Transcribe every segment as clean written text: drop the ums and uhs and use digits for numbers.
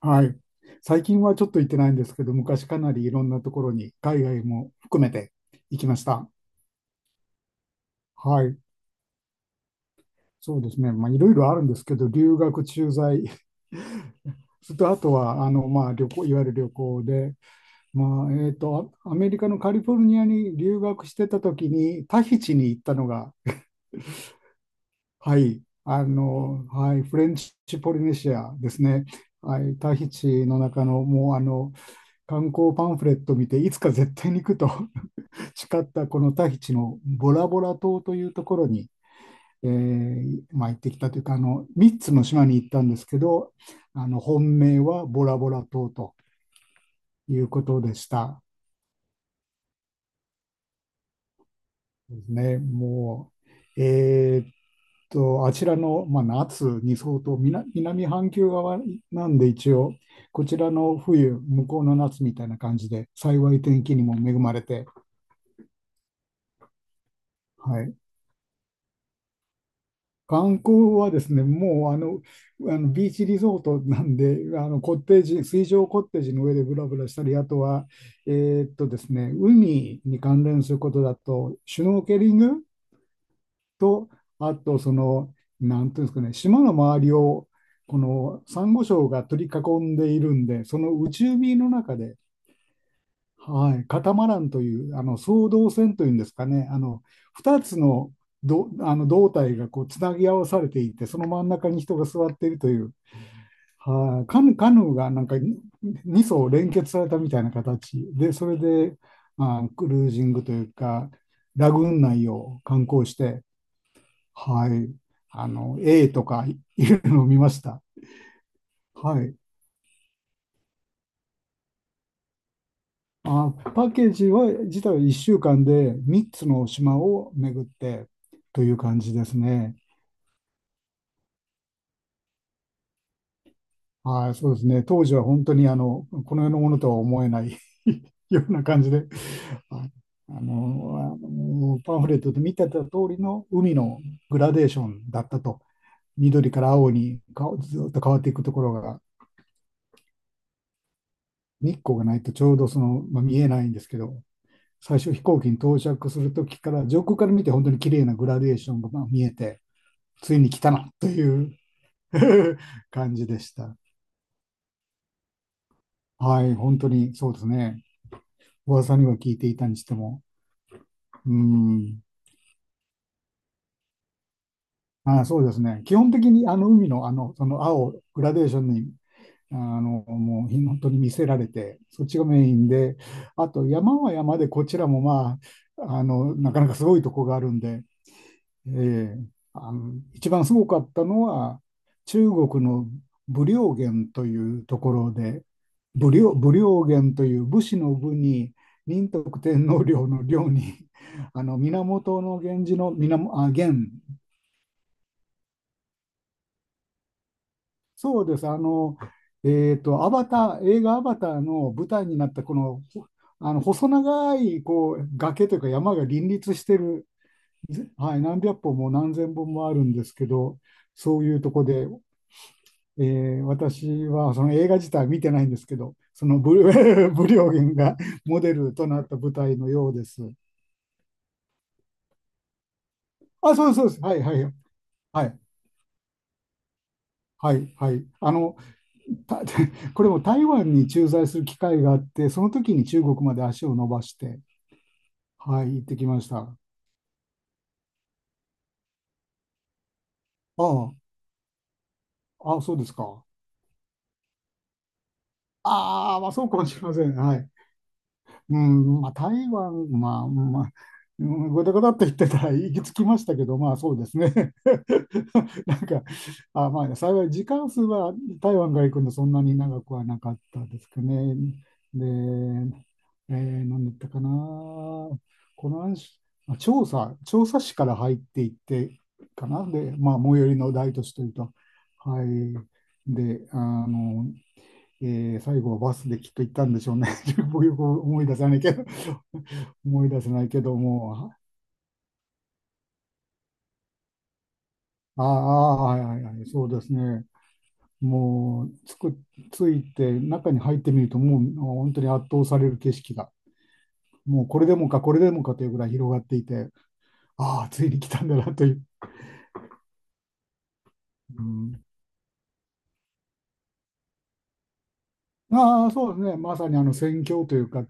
はい。最近はちょっと行ってないんですけど、昔かなりいろんなところに、海外も含めて行きました。はい。そうですね。まあ、いろいろあるんですけど、留学、駐在、それとあとは、まあ、旅行、いわゆる旅行で、まあ、メリカのカリフォルニアに留学してた時に、タヒチに行ったのが、はい、はい、フレンチポリネシアですね。はい、タヒチの中の、もう、観光パンフレット見て、いつか絶対に行くと培ったこのタヒチのボラボラ島というところに、まあ、行ってきたというか、あの3つの島に行ったんですけど、あの本命はボラボラ島ということでした。ですね。もうえーっとあちらの、まあ、夏に相当、南半球側なんで、一応こちらの冬、向こうの夏みたいな感じで、幸い天気にも恵まれて、はい、観光はですね、もうあの、あのビーチリゾートなんで、コッテージ、水上コッテージの上でブラブラしたり、あとは、えですね、海に関連することだと、シュノーケリングと、あとその、なんていうんですかね、島の周りを、このサンゴ礁が取り囲んでいるんで、その内海の中で、はい、カタマランという、あの双胴船というんですかね、あの2つの、あの胴体がこうつなぎ合わされていて、その真ん中に人が座っているという、はい、カヌーがなんか2層連結されたみたいな形で、それでまあクルージングというか、ラグーン内を観光して、はい、あの A とかいるのを見ました。はい。あ、パッケージは自体は1週間で3つの島を巡ってという感じですね。はい、そうですね。当時は本当にあのこの世のものとは思えない ような感じで、パンフレットで見てた通りの海のグラデーションだったと、緑から青にかずっと変わっていくところが、日光がないとちょうどその、まあ、見えないんですけど、最初飛行機に到着するときから、上空から見て本当に綺麗なグラデーションがまあ見えて、ついに来たなという 感じでした。はい、本当にそうですね。噂には聞いていたにしても。うん。あ、そうですね。基本的にあの海のその青、グラデーションに、あの、もうひ本当に見せられて、そっちがメインで、あと山は山でこちらもまあ、あの、なかなかすごいとこがあるんで、ええ、あの、一番すごかったのは、中国の武陵源というところで、武陵源という、武士の武に、仁徳天皇陵の陵に、あの、源氏の源、そうです、あの、アバター、映画アバターの舞台になったこの、あの細長いこう崖というか山が林立してる、はい、何百本も何千本もあるんですけど、そういうとこで、私はその映画自体は見てないんですけど、そのブリオゲンがモデルとなった舞台のようです。あ、そうですそうです。はいはいはい。はい、はい。あの、た これも台湾に駐在する機会があって、その時に中国まで足を伸ばして、はい、行ってきました。ああ、あ、そうですか。ああ、まあそうかもしれません。はい。うん、まあ、台湾、まあ、まあ、うんごだごだって言ってたら行き着きましたけど、まあそうですね。なんか、あ、まあ幸い時間数は台湾から行くのそんなに長くはなかったですかね。で、え何だったかな。この話、調査市から入っていってかな。で、まあ最寄りの大都市というと。はい。で、あの、えー最後はバスできっと行ったんでしょうね。僕よく思い出さないけど、思い出せないけども、ああ、はいはいはい、そうですね。もうつく、ついて中に入ってみると、もう本当に圧倒される景色が、もうこれでもか、これでもかというぐらい広がっていて、ああ、ついに来たんだなという。うん、ああ、そうですね。まさにあの宣教というか、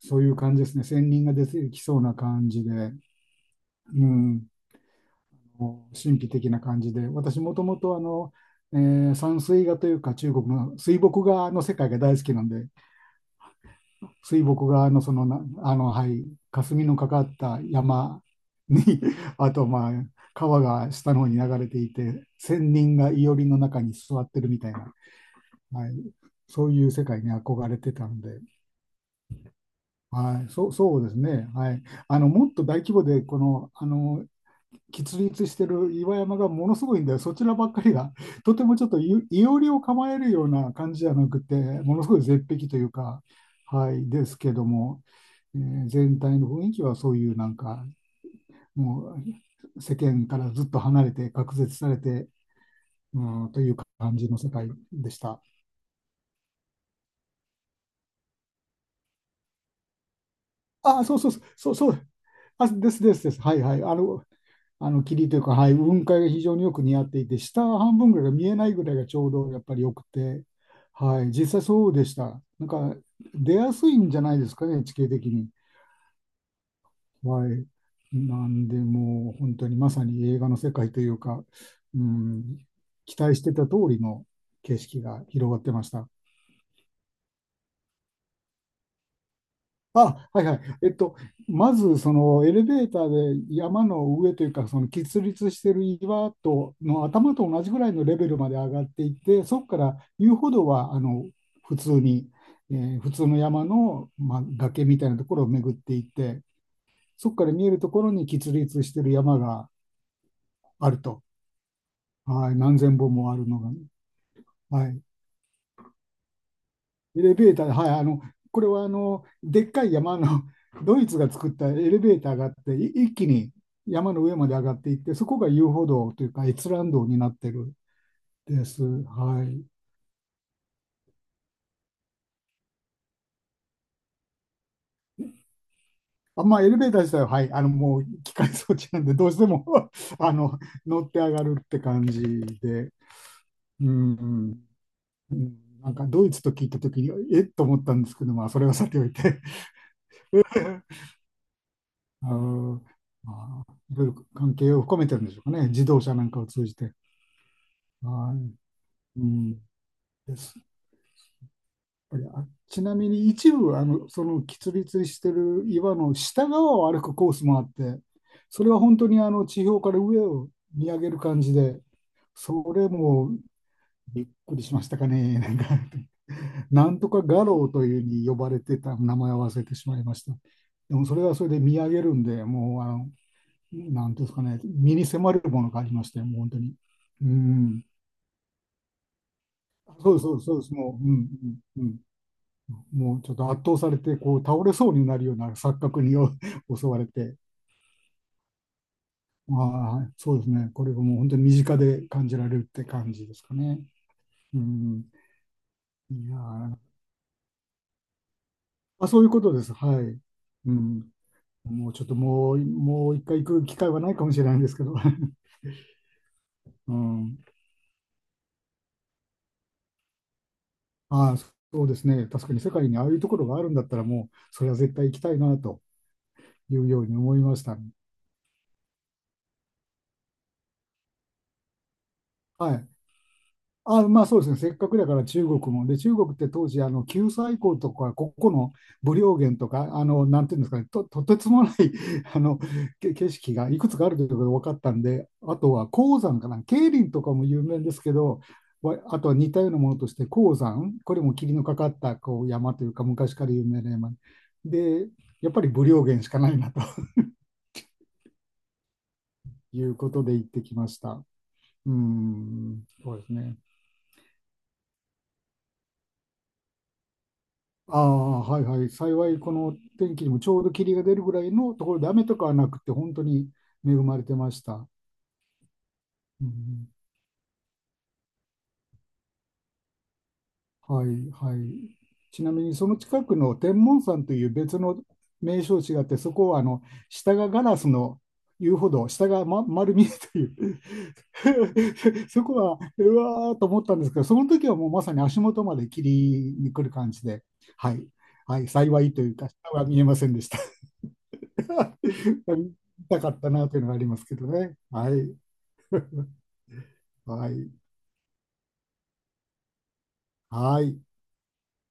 そういう感じですね。仙人が出てきそうな感じで。うん。神秘的な感じで、私もともとあの、えー山水画というか中国の水墨画の世界が大好きなんで、水墨画のそのな、あの、はい、霞のかかった山に あとまあ、川が下の方に流れていて、仙人が庵の中に座ってるみたいな、はい、そういう世界に憧れてたんで、はい、そうですね、はい、あのもっと大規模でこの、あの結立してる岩山がものすごいんだよ。そちらばっかりが、とてもちょっといおりを構えるような感じじゃなくて、ものすごい絶壁というか、はい、ですけども、えー全体の雰囲気はそういうなんか、もう世間からずっと離れて、隔絶されて、うん、という感じの世界でした。あ、そうそうそう、そうそう。あ、ですですです。はいはい。あの霧というか、はい、雲海が非常によく似合っていて、下半分ぐらいが見えないぐらいがちょうどやっぱりよくて、はい、実際そうでした。なんか出やすいんじゃないですかね、地形的に。はい。なんで、もう本当にまさに映画の世界というか、うん、期待してた通りの景色が広がってました。あ、はいはい。えっと、まず、そのエレベーターで山の上というか、その喫立している岩との頭と同じぐらいのレベルまで上がっていって、そこから遊歩道はあの普通に、えー普通の山の、まあ、崖みたいなところを巡っていって、そこから見えるところに喫立している山があると。はい、何千本もあるのが。はい。エレベーター、はい、あの、これはあの、でっかい山の、ドイツが作ったエレベーターがあって、一気に山の上まで上がっていって、そこが遊歩道というか、閲覧道になってるんです。はい。あ、まあ、エレベーター自体は、はい、あの、もう機械装置なんで、どうしても あの、乗って上がるって感じで、うん、んうん、なんかドイツと聞いたときに、えっと思ったんですけど、まあ、それはさておいて あの、まあ、いろいろ関係を含めてるんでしょうかね、自動車なんかを通じて。はい。うん。です。やっぱりあ、ちなみに一部、あの、その、きつりつりしてる岩の下側を歩くコースもあって、それは本当にあの、地表から上を見上げる感じで、それもびっくりしましたかね。なんか、なんとか画廊というに呼ばれてた名前を忘れてしまいました。でも、それはそれで見上げるんで、もう、あの、なんていうんですかね、身に迫るものがありましたよ、もう本当に。うん。そうですそうですそうです、もう、うん、うん、もうちょっと圧倒されて、こう倒れそうになるような錯覚に 襲われて、まあ、そうですね、これがもう本当に身近で感じられるって感じですかね。うん、いやーまあ、そういうことです。はい。うん、もうちょっともう、もう一回行く機会はないかもしれないんですけど、うん、ああ、そうですね、確かに世界にああいうところがあるんだったら、もうそれは絶対行きたいなというように思いましたね。はい、あ、まあそうですね、せっかくだから中国も。で、中国って当時、あの九寨溝とか、ここの武陵源とか、あのなんていうんですかね、とてつもない あの景色がいくつかあるということが分かったんで、あとは黄山かな、桂林とかも有名ですけど、あとは似たようなものとして、黄山、これも霧のかかったこう山というか、昔から有名な山。で、やっぱり武陵源しかないなと いうことで行ってきました。うん、そうですね。ああ、はいはい。幸い、この天気にもちょうど霧が出るぐらいのところで雨とかはなくて、本当に恵まれてました。うん、はいはい。ちなみに、その近くの天文山という別の名称地があって、そこはあの下がガラスの言うほど下が、ま、丸見えという そこはうわーと思ったんですけど、その時はもうまさに足元まで霧に来る感じで、はい、はい、幸いというか、下は見えませんでした。見たかったなというのがありますけどね。はい。はい。はい。